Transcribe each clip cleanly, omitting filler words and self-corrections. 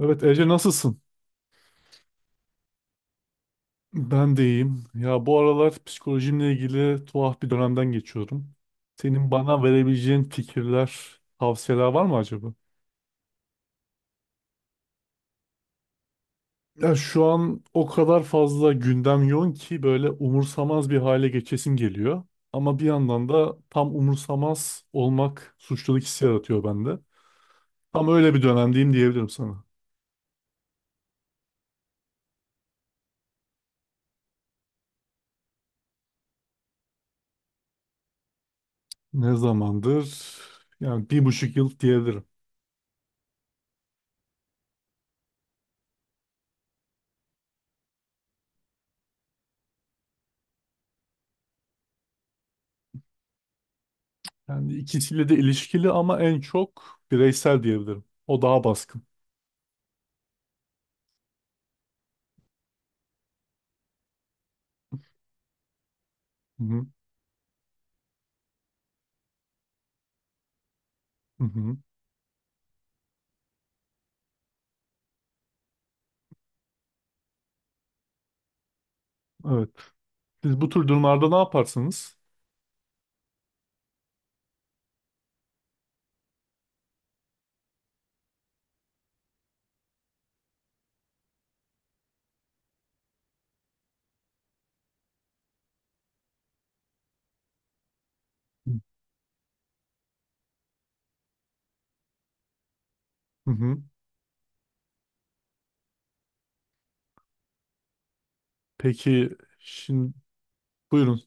Evet Ece, nasılsın? Ben de iyiyim. Ya bu aralar psikolojimle ilgili tuhaf bir dönemden geçiyorum. Senin bana verebileceğin fikirler, tavsiyeler var mı acaba? Ya şu an o kadar fazla gündem yoğun ki böyle umursamaz bir hale geçesim geliyor. Ama bir yandan da tam umursamaz olmak suçluluk hissi yaratıyor bende. Tam öyle bir dönemdeyim diyebilirim sana. Ne zamandır? Yani bir buçuk yıl diyebilirim. Yani ikisiyle de ilişkili ama en çok bireysel diyebilirim. O daha baskın. Hı hı. Hı hı. Evet. Siz bu tür durumlarda ne yaparsınız? Hı hı. Peki, şimdi buyurun.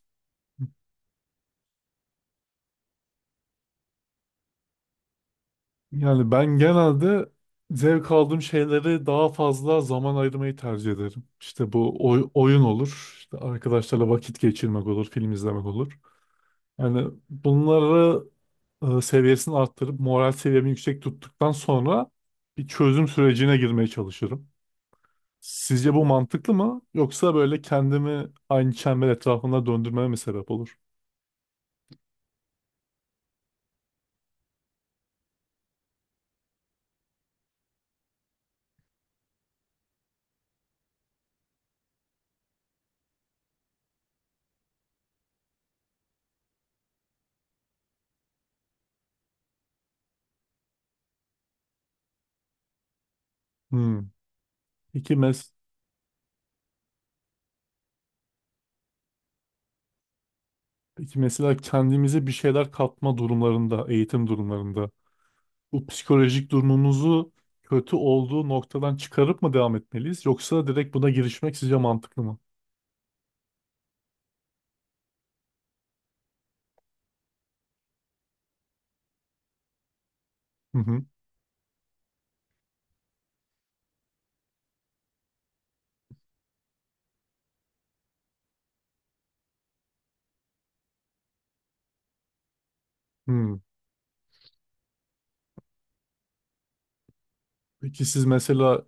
Yani ben genelde zevk aldığım şeyleri daha fazla zaman ayırmayı tercih ederim. İşte bu oyun olur, işte arkadaşlarla vakit geçirmek olur, film izlemek olur. Yani bunları seviyesini arttırıp moral seviyemi yüksek tuttuktan sonra bir çözüm sürecine girmeye çalışırım. Sizce bu mantıklı mı? Yoksa böyle kendimi aynı çember etrafında döndürmeme mi sebep olur? Hmm. Peki, mes Peki mesela kendimize bir şeyler katma durumlarında, eğitim durumlarında bu psikolojik durumumuzu kötü olduğu noktadan çıkarıp mı devam etmeliyiz? Yoksa direkt buna girişmek sizce mantıklı mı? Hı hı. Hmm. Peki siz mesela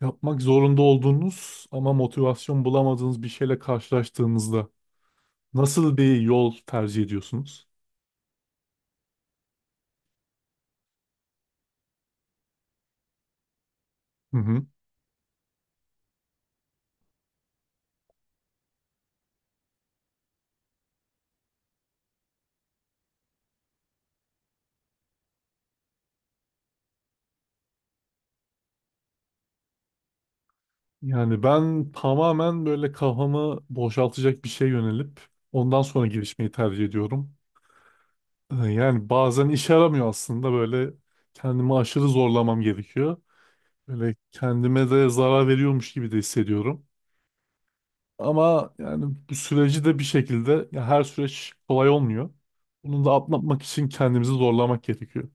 yapmak zorunda olduğunuz ama motivasyon bulamadığınız bir şeyle karşılaştığınızda nasıl bir yol tercih ediyorsunuz? Hı hı. Yani ben tamamen böyle kafamı boşaltacak bir şey yönelip ondan sonra girişmeyi tercih ediyorum. Yani bazen işe yaramıyor, aslında böyle kendimi aşırı zorlamam gerekiyor. Böyle kendime de zarar veriyormuş gibi de hissediyorum. Ama yani bu süreci de bir şekilde, ya her süreç kolay olmuyor. Bunu da atlatmak için kendimizi zorlamak gerekiyor.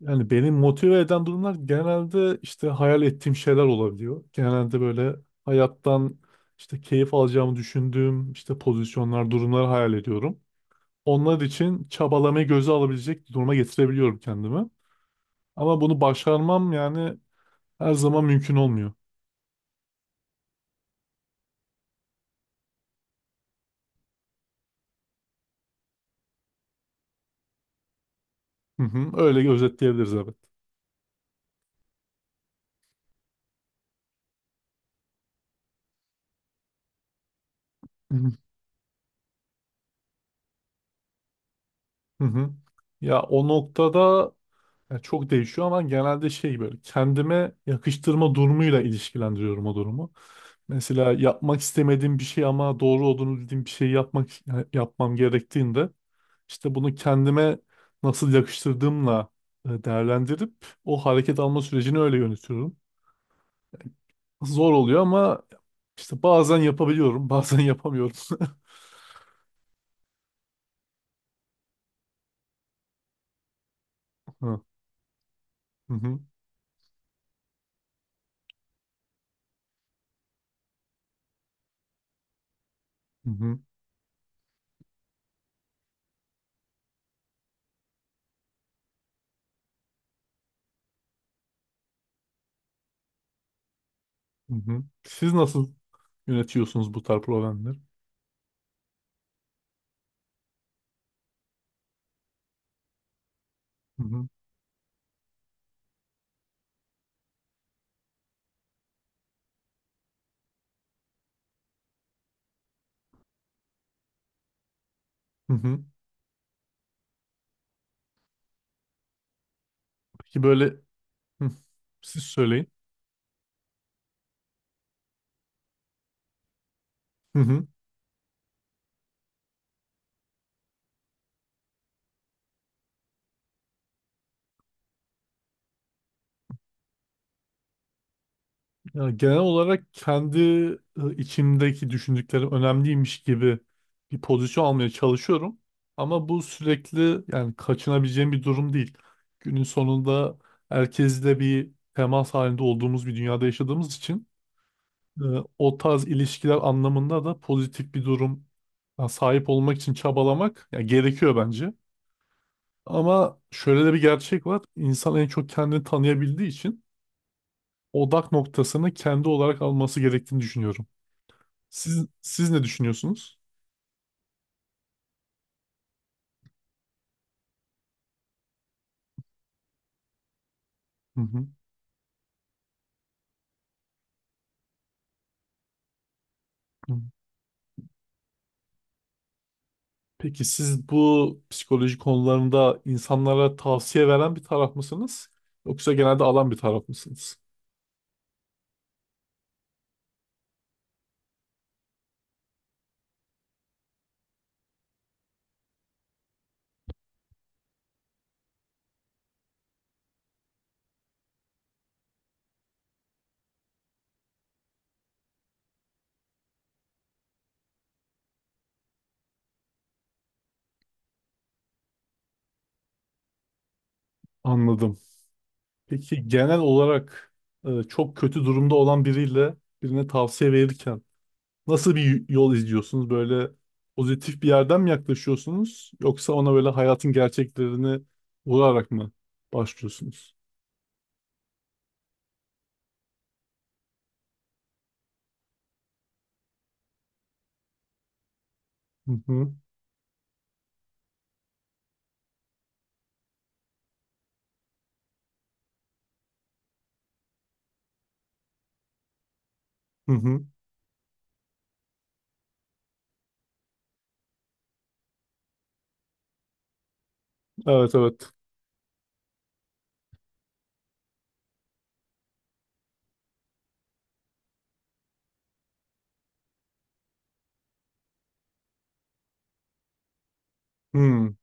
Yani beni motive eden durumlar genelde işte hayal ettiğim şeyler olabiliyor. Genelde böyle hayattan işte keyif alacağımı düşündüğüm işte pozisyonlar, durumları hayal ediyorum. Onlar için çabalamayı göze alabilecek duruma getirebiliyorum kendimi. Ama bunu başarmam yani her zaman mümkün olmuyor. Hı hı, öyle özetleyebiliriz, evet. Hı hı. Hı hı. Ya o noktada, yani çok değişiyor ama genelde şey, böyle kendime yakıştırma durumuyla ilişkilendiriyorum o durumu. Mesela yapmak istemediğim bir şey ama doğru olduğunu bildiğim bir şey yapmak, yani yapmam gerektiğinde işte bunu kendime nasıl yakıştırdığımla değerlendirip o hareket alma sürecini öyle yönetiyorum. Zor oluyor ama işte bazen yapabiliyorum, bazen yapamıyorum. Hı hı, hı hı. Hı hı. Siz nasıl yönetiyorsunuz bu tarz problemleri? Hı hı. Hı hı. Peki, böyle. Hı. Siz söyleyin. Hı hı. Ya genel olarak kendi içimdeki düşündüklerim önemliymiş gibi bir pozisyon almaya çalışıyorum. Ama bu sürekli yani kaçınabileceğim bir durum değil. Günün sonunda herkesle bir temas halinde olduğumuz bir dünyada yaşadığımız için e, o tarz ilişkiler anlamında da pozitif bir durum, ya sahip olmak için çabalamak ya gerekiyor bence. Ama şöyle de bir gerçek var. İnsan en çok kendini tanıyabildiği için odak noktasını kendi olarak alması gerektiğini düşünüyorum. Siz ne düşünüyorsunuz? Hı hı. Hı. Peki siz bu psikoloji konularında insanlara tavsiye veren bir taraf mısınız? Yoksa genelde alan bir taraf mısınız? Anladım. Peki genel olarak çok kötü durumda olan biriyle birine tavsiye verirken nasıl bir yol izliyorsunuz? Böyle pozitif bir yerden mi yaklaşıyorsunuz? Yoksa ona böyle hayatın gerçeklerini vurarak mı başlıyorsunuz? Hı hı. Hı hı. Evet, evet. Hmm.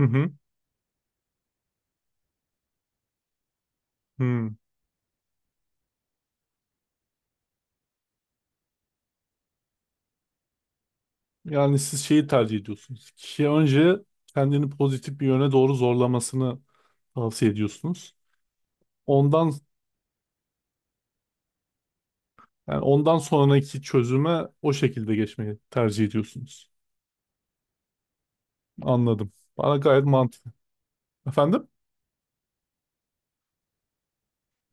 Hı hı. Hmm. Yani siz şeyi tercih ediyorsunuz. Kişi önce kendini pozitif bir yöne doğru zorlamasını tavsiye ediyorsunuz. Ondan yani ondan sonraki çözüme o şekilde geçmeyi tercih ediyorsunuz. Anladım. Bana gayet mantıklı. Efendim?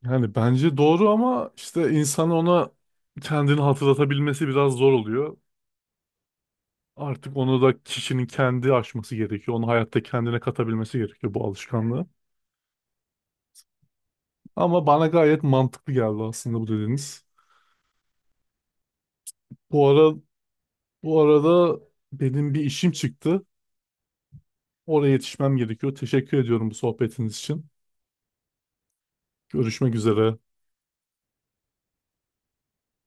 Yani bence doğru ama işte insan ona kendini hatırlatabilmesi biraz zor oluyor. Artık onu da kişinin kendi aşması gerekiyor. Onu hayatta kendine katabilmesi gerekiyor bu alışkanlığı. Ama bana gayet mantıklı geldi aslında bu dediğiniz. Bu ara bu arada benim bir işim çıktı. Oraya yetişmem gerekiyor. Teşekkür ediyorum bu sohbetiniz için. Görüşmek üzere.